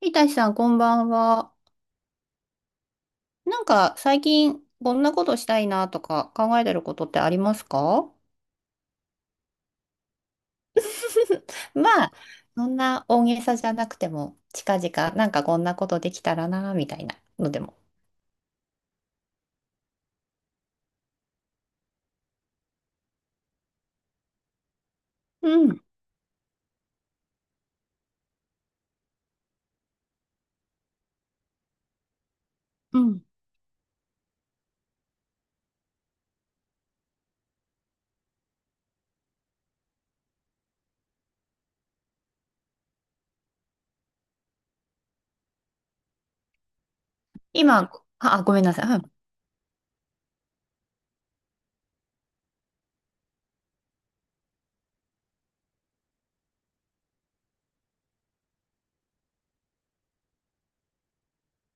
いたしさん、こんばんは。なんか、最近、こんなことしたいなとか考えてることってありますか？ まあ、そんな大げさじゃなくても、近々、なんかこんなことできたらな、みたいなのでも。うん、うん。今、あ、ごめんなさい。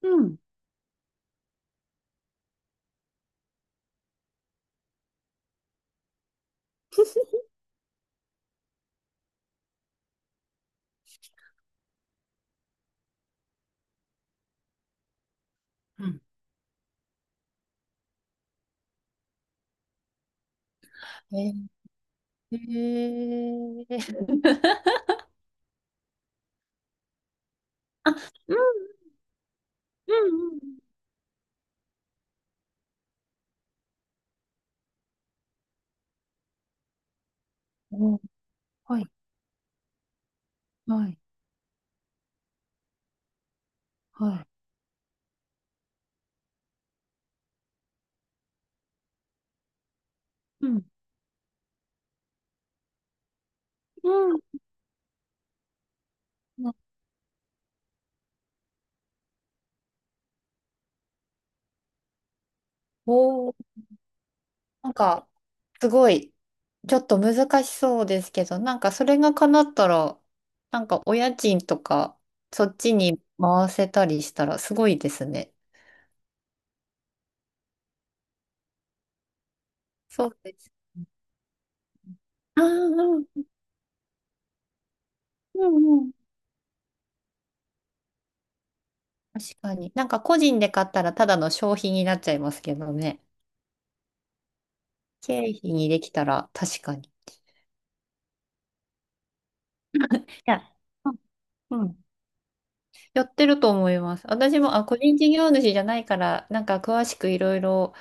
うん、うん。うん。ー、うん、うん、うん。お、はい。うん、うん。お、なんか、すごい、ちょっと難しそうですけど、なんかそれが叶ったら、なんかお家賃とか、そっちに回せたりしたらすごいですね。そうです。ああ、うん、うん、うん。確かに。なんか個人で買ったらただの消費になっちゃいますけどね。経費にできたら確かに。いや、うん、うん、やってると思います。私も、あ、個人事業主じゃないから、なんか詳しくいろいろ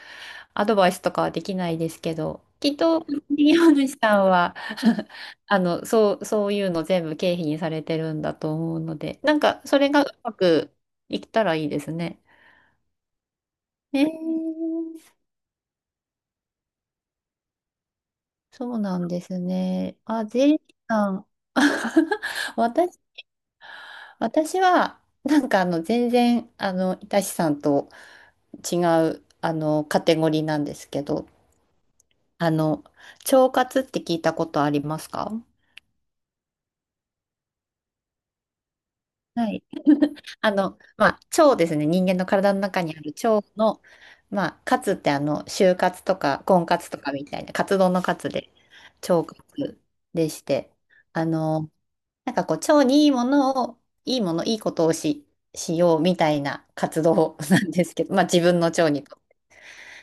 アドバイスとかはできないですけど、きっと、事業主さんは、 あの、そういうの全部経費にされてるんだと思うので、なんか、それがうまくいったらいいですね。えー、そうなんですね。あ、税理士さん。私、私は、なんかあの、全然、あの、いたしさんと違う、あの、カテゴリーなんですけど、あの、腸活って聞いたことありますか？はい。あの、まあ、腸ですね。人間の体の中にある腸の、まあ、カツってあの、就活とか、婚活とかみたいな、カツ丼のカツで、腸活でして、あの、なんかこう、腸にいいものを、いいもの、いいことをしようみたいな活動 なんですけど、まあ、自分の腸にと。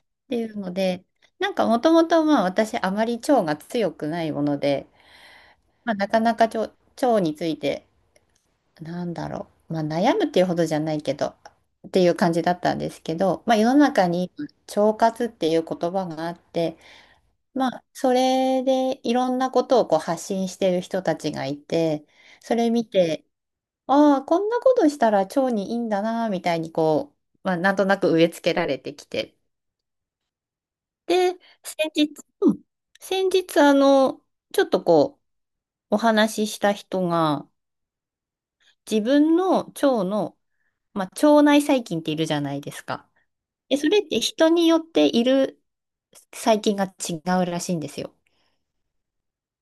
っていうので、なんかもともと、まあ、私、あまり腸が強くないもので、まあ、なかなか腸、腸について、なんだろう、まあ、悩むっていうほどじゃないけどっていう感じだったんですけど、まあ、世の中に今腸活っていう言葉があって、まあ、それでいろんなことをこう発信してる人たちがいて、それ見てああこんなことしたら腸にいいんだなみたいにこう、まあ、なんとなく植え付けられてきて、で、先日、うん、先日あの、ちょっとこうお話しした人が自分の腸の、まあ、腸内細菌っているじゃないですか。で、それって人によっている細菌が違うらしいんですよ。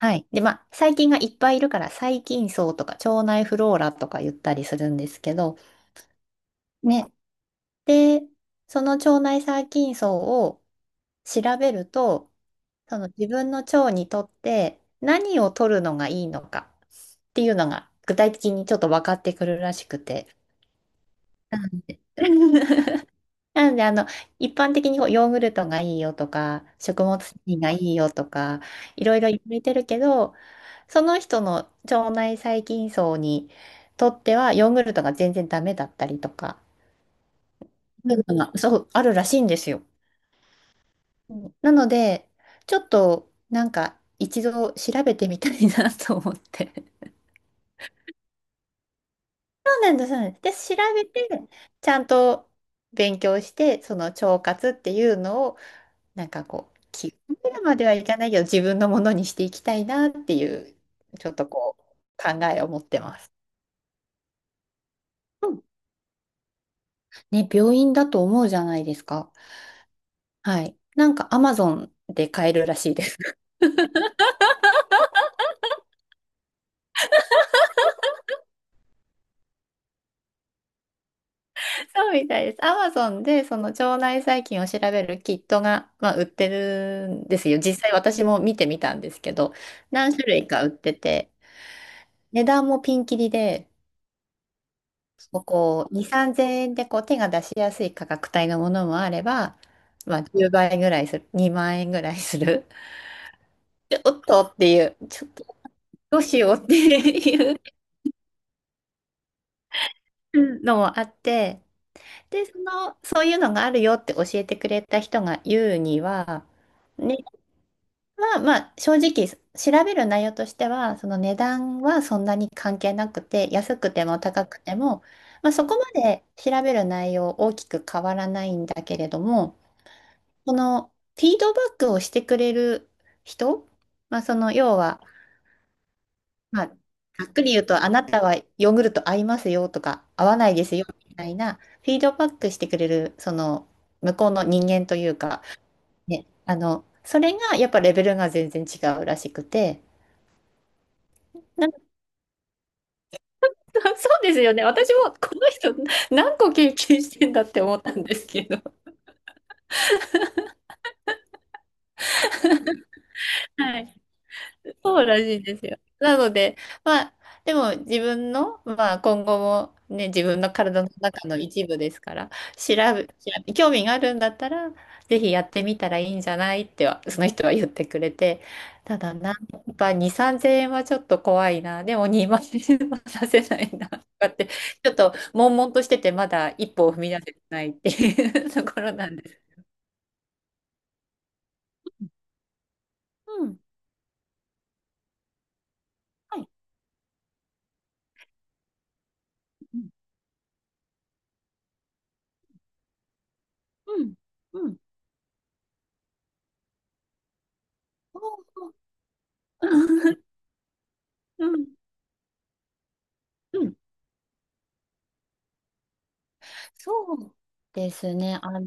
はい。で、まあ、細菌がいっぱいいるから、細菌層とか腸内フローラとか言ったりするんですけど、ね。で、その腸内細菌層を調べると、その自分の腸にとって何を取るのがいいのかっていうのが具体的にちょっと分かってくるらしくて。うん、 なので、あの、一般的にこうヨーグルトがいいよとか、食物繊維がいいよとか、いろいろ言われてるけど、その人の腸内細菌層にとっては、ヨーグルトが全然ダメだったりとか、そういうのが、そう、あるらしいんですよ。うん、なので、ちょっと、なんか、一度調べてみたいなと思って。そうなんです、そうなんです。で、調べて、ちゃんと勉強して、その腸活っていうのを、なんかこう、気がめるまではいかないけど、自分のものにしていきたいなっていう、ちょっとこう、考えを持ってます。うん、ね、病院だと思うじゃないですか。はい。なんかアマゾンで買えるらしいです。そうみたいです。アマゾンでその腸内細菌を調べるキットが、まあ、売ってるんですよ。実際私も見てみたんですけど、何種類か売ってて、値段もピンキリで、もうこう、2、3000円でこう手が出しやすい価格帯のものもあれば、まあ、10倍ぐらいする、2万円ぐらいする、ちょっとっていう、ちょっとどうしようっていうのもあって、で、その、そういうのがあるよって教えてくれた人が言うには、値段は、まあ、正直、調べる内容としては、その値段はそんなに関係なくて、安くても高くても、まあ、そこまで調べる内容大きく変わらないんだけれども、このフィードバックをしてくれる人、まあ、その要は、まあ、ざっくり言うと、あなたはヨーグルト合いますよとか、合わないですよみたいな、フィードバックしてくれる、その向こうの人間というか、ね、あの、それがやっぱレベルが全然違うらしくて、な、 そうですよね。私もこの人何個経験してんだって思ったんですけど。はい、そうらしいですよ。なので、まあ、でも自分の、まあ、今後もね、自分の体の中の一部ですから、調べ興味があるんだったら、ぜひやってみたらいいんじゃないっては、その人は言ってくれて、ただな、やっぱ2、3 0円はちょっと怖いな、でも2万円は出せないな、とかって、ちょっと悶々としてて、まだ一歩を踏み出せてないっていう ところなんです。うん。うん。うん。うん、そうですね。あの、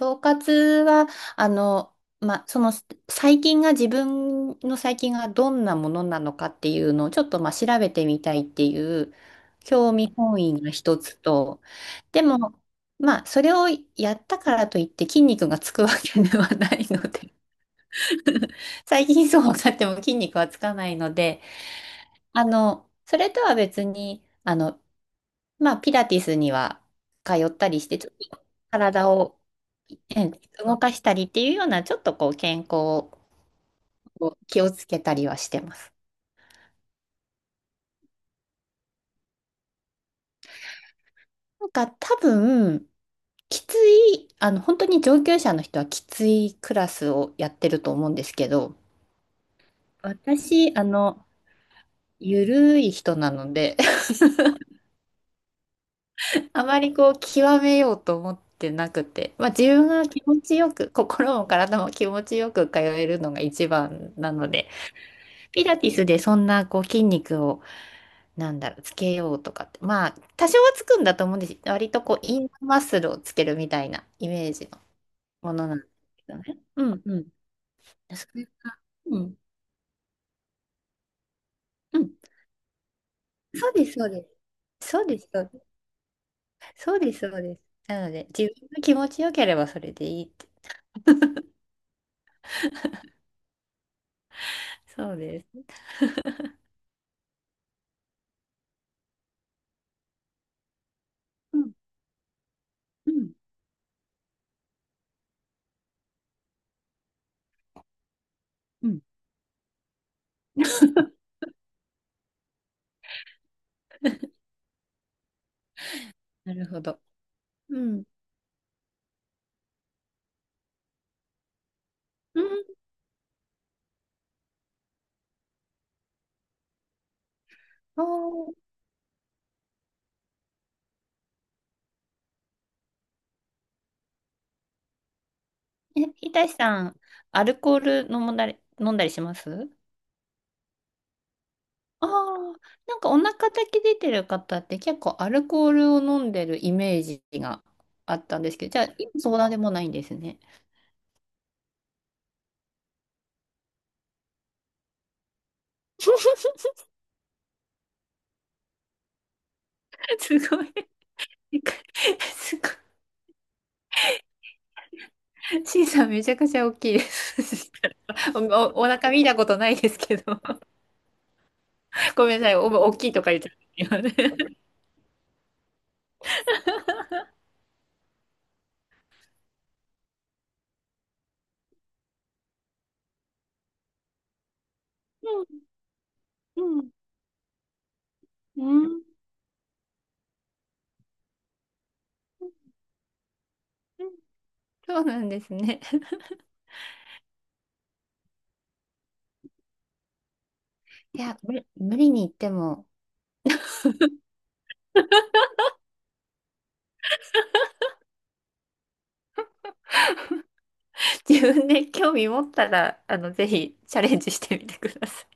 腸活は、あの、まあ、その細菌が自分の細菌がどんなものなのかっていうのをちょっとまあ調べてみたいっていう興味本位が一つと、でも、まあ、それをやったからといって筋肉がつくわけではないので、 最近そうなっても筋肉はつかないので、あの、それとは別に、あの、まあ、ピラティスには通ったりして、ちょっと体をええ動かしたりっていうような、ちょっとこう健康を気をつけたりはしてます。なんか多分、きつい、あの、本当に上級者の人はきついクラスをやってると思うんですけど、私、あの、ゆるい人なので、あまりこう、極めようと思ってなくて、まあ自分が気持ちよく、心も体も気持ちよく通えるのが一番なので、ピラティスでそんなこう筋肉を、なんだろう、つけようとかって。まあ、多少はつくんだと思うんです。割とこう、インナーマッスルをつけるみたいなイメージのものなんですけどね。うん、うん。それが、うん、うん。そうです、そうです。そうです、そうです。そうです、そうです。なので、自分が気持ちよければそれでいいって。そうです。うん、うん、うん。なるほど。うん。うん。おー、ひたしさん、アルコール飲んだりします？ああ、なんかお腹だけ出てる方って結構アルコールを飲んでるイメージがあったんですけど、じゃあ、今そうなでもないんですね。すごい。すごい。シーさんめちゃくちゃ大きいです。お腹見たことないですけど。ごめんなさい。お、大きいとか言っちゃった。今ね、うん、うん、そうなんですね。いや、無理に言っても、自分で興味持ったら、あの、ぜひチャレンジしてみてください。